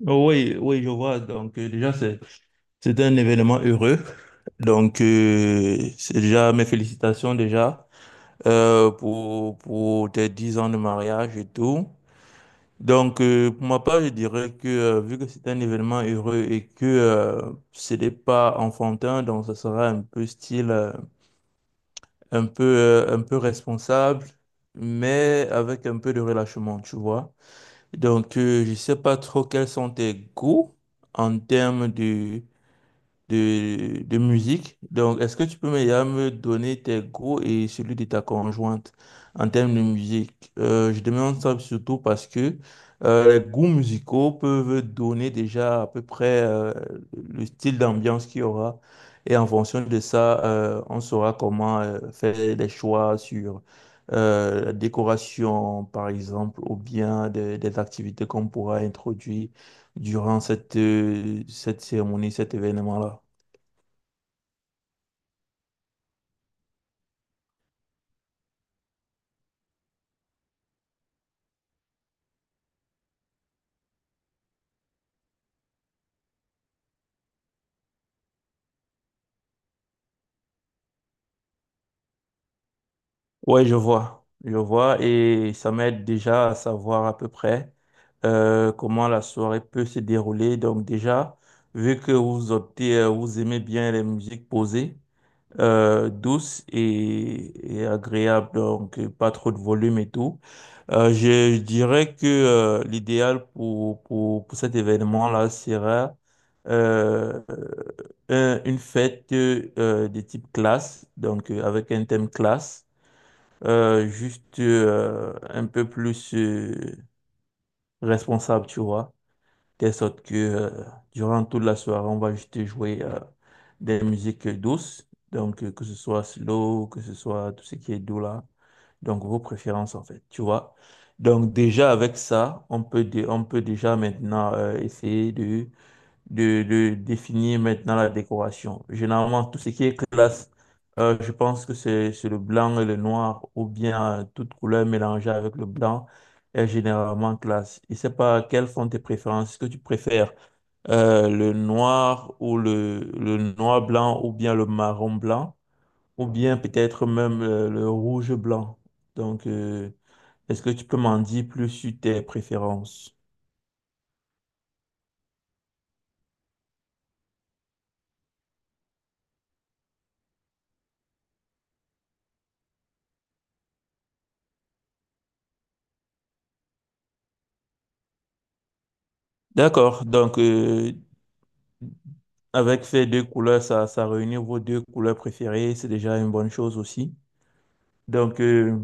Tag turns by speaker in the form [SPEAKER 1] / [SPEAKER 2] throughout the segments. [SPEAKER 1] Oui, oui, je vois. Donc, déjà, c'est un événement heureux. Donc, c'est déjà mes félicitations déjà pour tes 10 ans de mariage et tout. Donc, pour ma part, je dirais que vu que c'est un événement heureux et que ce n'est pas enfantin, donc ça sera un peu style, un peu responsable, mais avec un peu de relâchement, tu vois. Donc, je sais pas trop quels sont tes goûts en termes de musique. Donc, est-ce que tu peux déjà me donner tes goûts et celui de ta conjointe en termes de musique? Je demande ça surtout parce que les goûts musicaux peuvent donner déjà à peu près le style d'ambiance qu'il y aura. Et en fonction de ça, on saura comment faire des choix sur la décoration, par exemple, ou bien des activités qu'on pourra introduire durant cette cérémonie, cet événement-là. Ouais, je vois, et ça m'aide déjà à savoir à peu près comment la soirée peut se dérouler. Donc déjà, vu que vous vous aimez bien les musiques posées, douces et agréables, donc pas trop de volume et tout, je dirais que l'idéal pour cet événement-là sera euh, une fête de type classe, donc avec un thème classe juste un peu plus responsable, tu vois. Telle sorte que durant toute la soirée, on va juste jouer des musiques douces. Donc, que ce soit slow, que ce soit tout ce qui est doux là. Donc, vos préférences, en fait, tu vois. Donc, déjà avec ça, on peut, on peut déjà maintenant essayer de définir maintenant la décoration. Généralement, tout ce qui est classe, je pense que c'est le blanc et le noir, ou bien toute couleur mélangée avec le blanc est généralement classe. Je ne sais pas quelles sont tes préférences. Est-ce que tu préfères le noir ou le noir blanc, ou bien le marron blanc, ou bien peut-être même le rouge blanc. Donc, est-ce que tu peux m'en dire plus sur tes préférences? D'accord, donc avec ces deux couleurs, ça réunit vos deux couleurs préférées, c'est déjà une bonne chose aussi. Donc,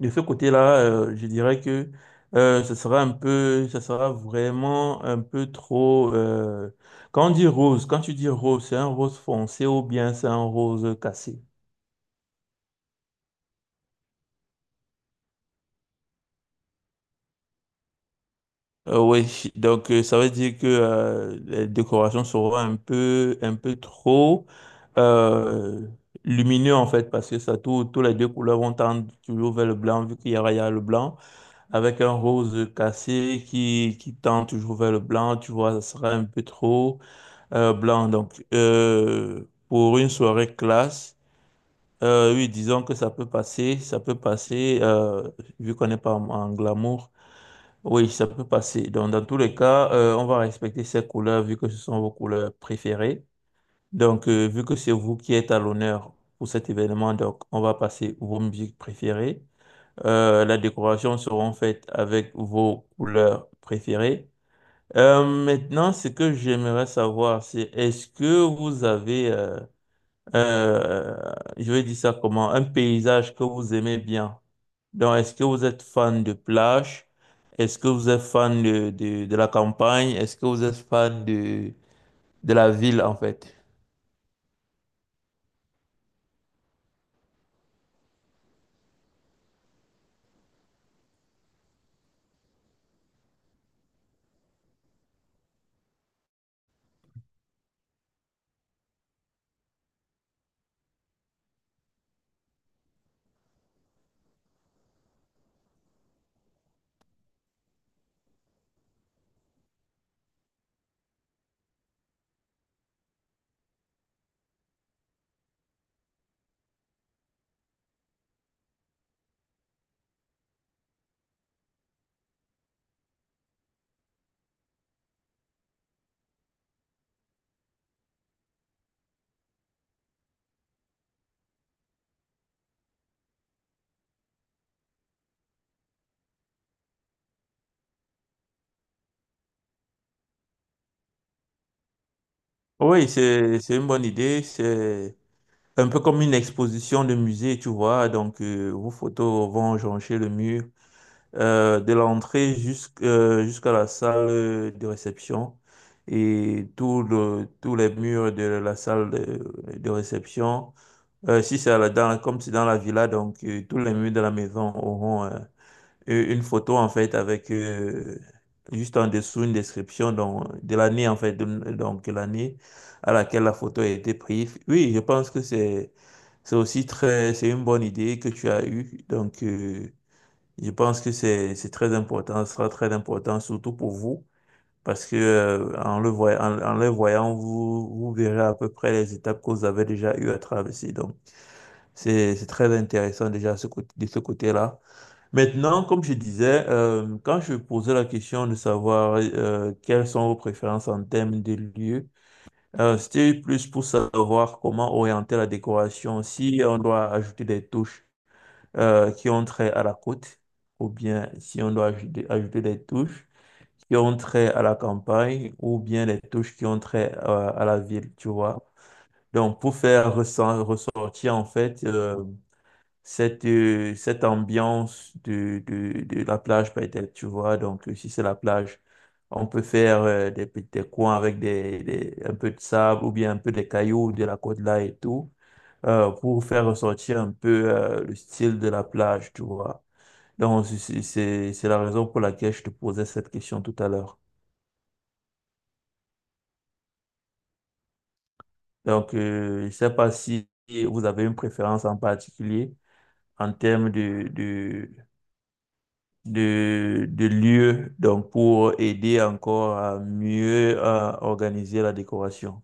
[SPEAKER 1] de ce côté-là, je dirais que ce sera un peu, ce sera vraiment un peu trop. Quand on dit rose, quand tu dis rose, c'est un rose foncé ou bien c'est un rose cassé? Oui, donc ça veut dire que les décorations seront un peu trop euh, lumineux en fait, parce que ça, tout, tous les deux couleurs vont tendre toujours vers le blanc, vu qu'il y aura, il y a le blanc, avec un rose cassé qui tend toujours vers le blanc, tu vois, ça sera un peu trop blanc. Donc, pour une soirée classe, oui, disons que ça peut passer, vu qu'on n'est pas en glamour. Oui, ça peut passer. Donc, dans tous les cas, on va respecter ces couleurs vu que ce sont vos couleurs préférées. Donc, vu que c'est vous qui êtes à l'honneur pour cet événement, donc on va passer vos musiques préférées. La décoration sera faite avec vos couleurs préférées. Maintenant, ce que j'aimerais savoir, c'est est-ce que vous avez euh, je vais dire ça comment, un paysage que vous aimez bien. Donc, est-ce que vous êtes fan de plage? Est-ce que vous êtes fan de la campagne? Est-ce que vous êtes fan de la ville, en fait? Oui, c'est une bonne idée. C'est un peu comme une exposition de musée, tu vois. Donc, vos photos vont joncher le mur. De l'entrée jusqu'à la salle de réception. Et tout tous les murs de la salle de réception, si c'est dans, comme c'est dans la villa, donc tous les murs de la maison auront une photo en fait avec juste en dessous une description donc, de l'année en fait, donc l'année à laquelle la photo a été prise. Oui, je pense que c'est aussi très, c'est une bonne idée que tu as eue. Donc, je pense que c'est très important, ce sera très important, surtout pour vous, parce que en le en les voyant, vous verrez à peu près les étapes que vous avez déjà eu à traverser. Donc, c'est très intéressant déjà ce côté, de ce côté-là. Maintenant, comme je disais, quand je posais la question de savoir quelles sont vos préférences en termes de lieux, c'était plus pour savoir comment orienter la décoration, si on doit ajouter des touches qui ont trait à la côte, ou bien si on doit ajouter des touches qui ont trait à la campagne, ou bien des touches qui ont trait à la ville, tu vois. Donc, pour faire ressortir, en fait, cette ambiance de la plage, peut-être, tu vois. Donc, si c'est la plage, on peut faire des coins avec un peu de sable ou bien un peu des cailloux de la côte là et tout, pour faire ressortir un peu le style de la plage, tu vois. Donc, la raison pour laquelle je te posais cette question tout à l'heure. Donc, je ne sais pas si vous avez une préférence en particulier en termes de lieu, donc pour aider encore à mieux à organiser la décoration.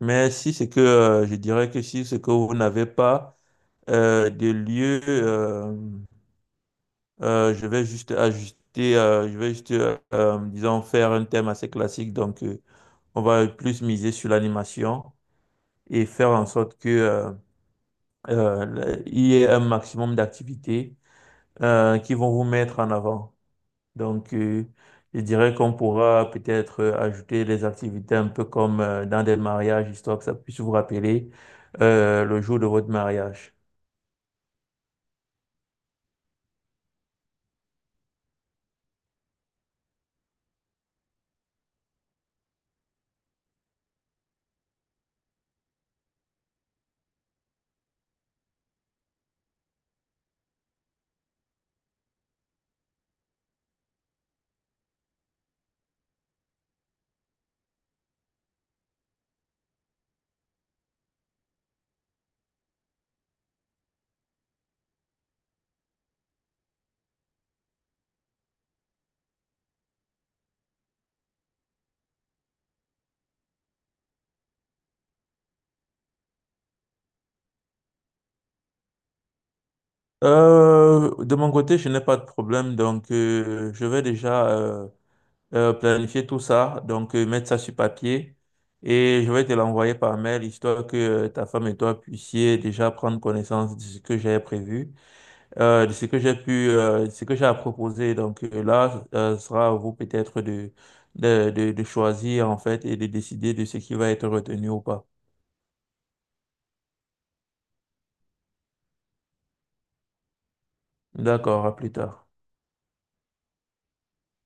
[SPEAKER 1] Mais si c'est que, je dirais que si c'est que vous n'avez pas de lieu, je vais juste ajuster, je vais juste, disons, faire un thème assez classique. Donc, on va plus miser sur l'animation et faire en sorte que euh, il y ait un maximum d'activités qui vont vous mettre en avant. Donc, je dirais qu'on pourra peut-être ajouter les activités un peu comme dans des mariages, histoire que ça puisse vous rappeler le jour de votre mariage. De mon côté, je n'ai pas de problème, donc je vais déjà planifier tout ça, donc mettre ça sur papier. Et je vais te l'envoyer par mail, histoire que ta femme et toi puissiez déjà prendre connaissance de ce que j'ai prévu, de ce que j'ai de ce que j'ai à proposer. Donc sera à vous peut-être de choisir en fait et de décider de ce qui va être retenu ou pas. D'accord, à plus tard.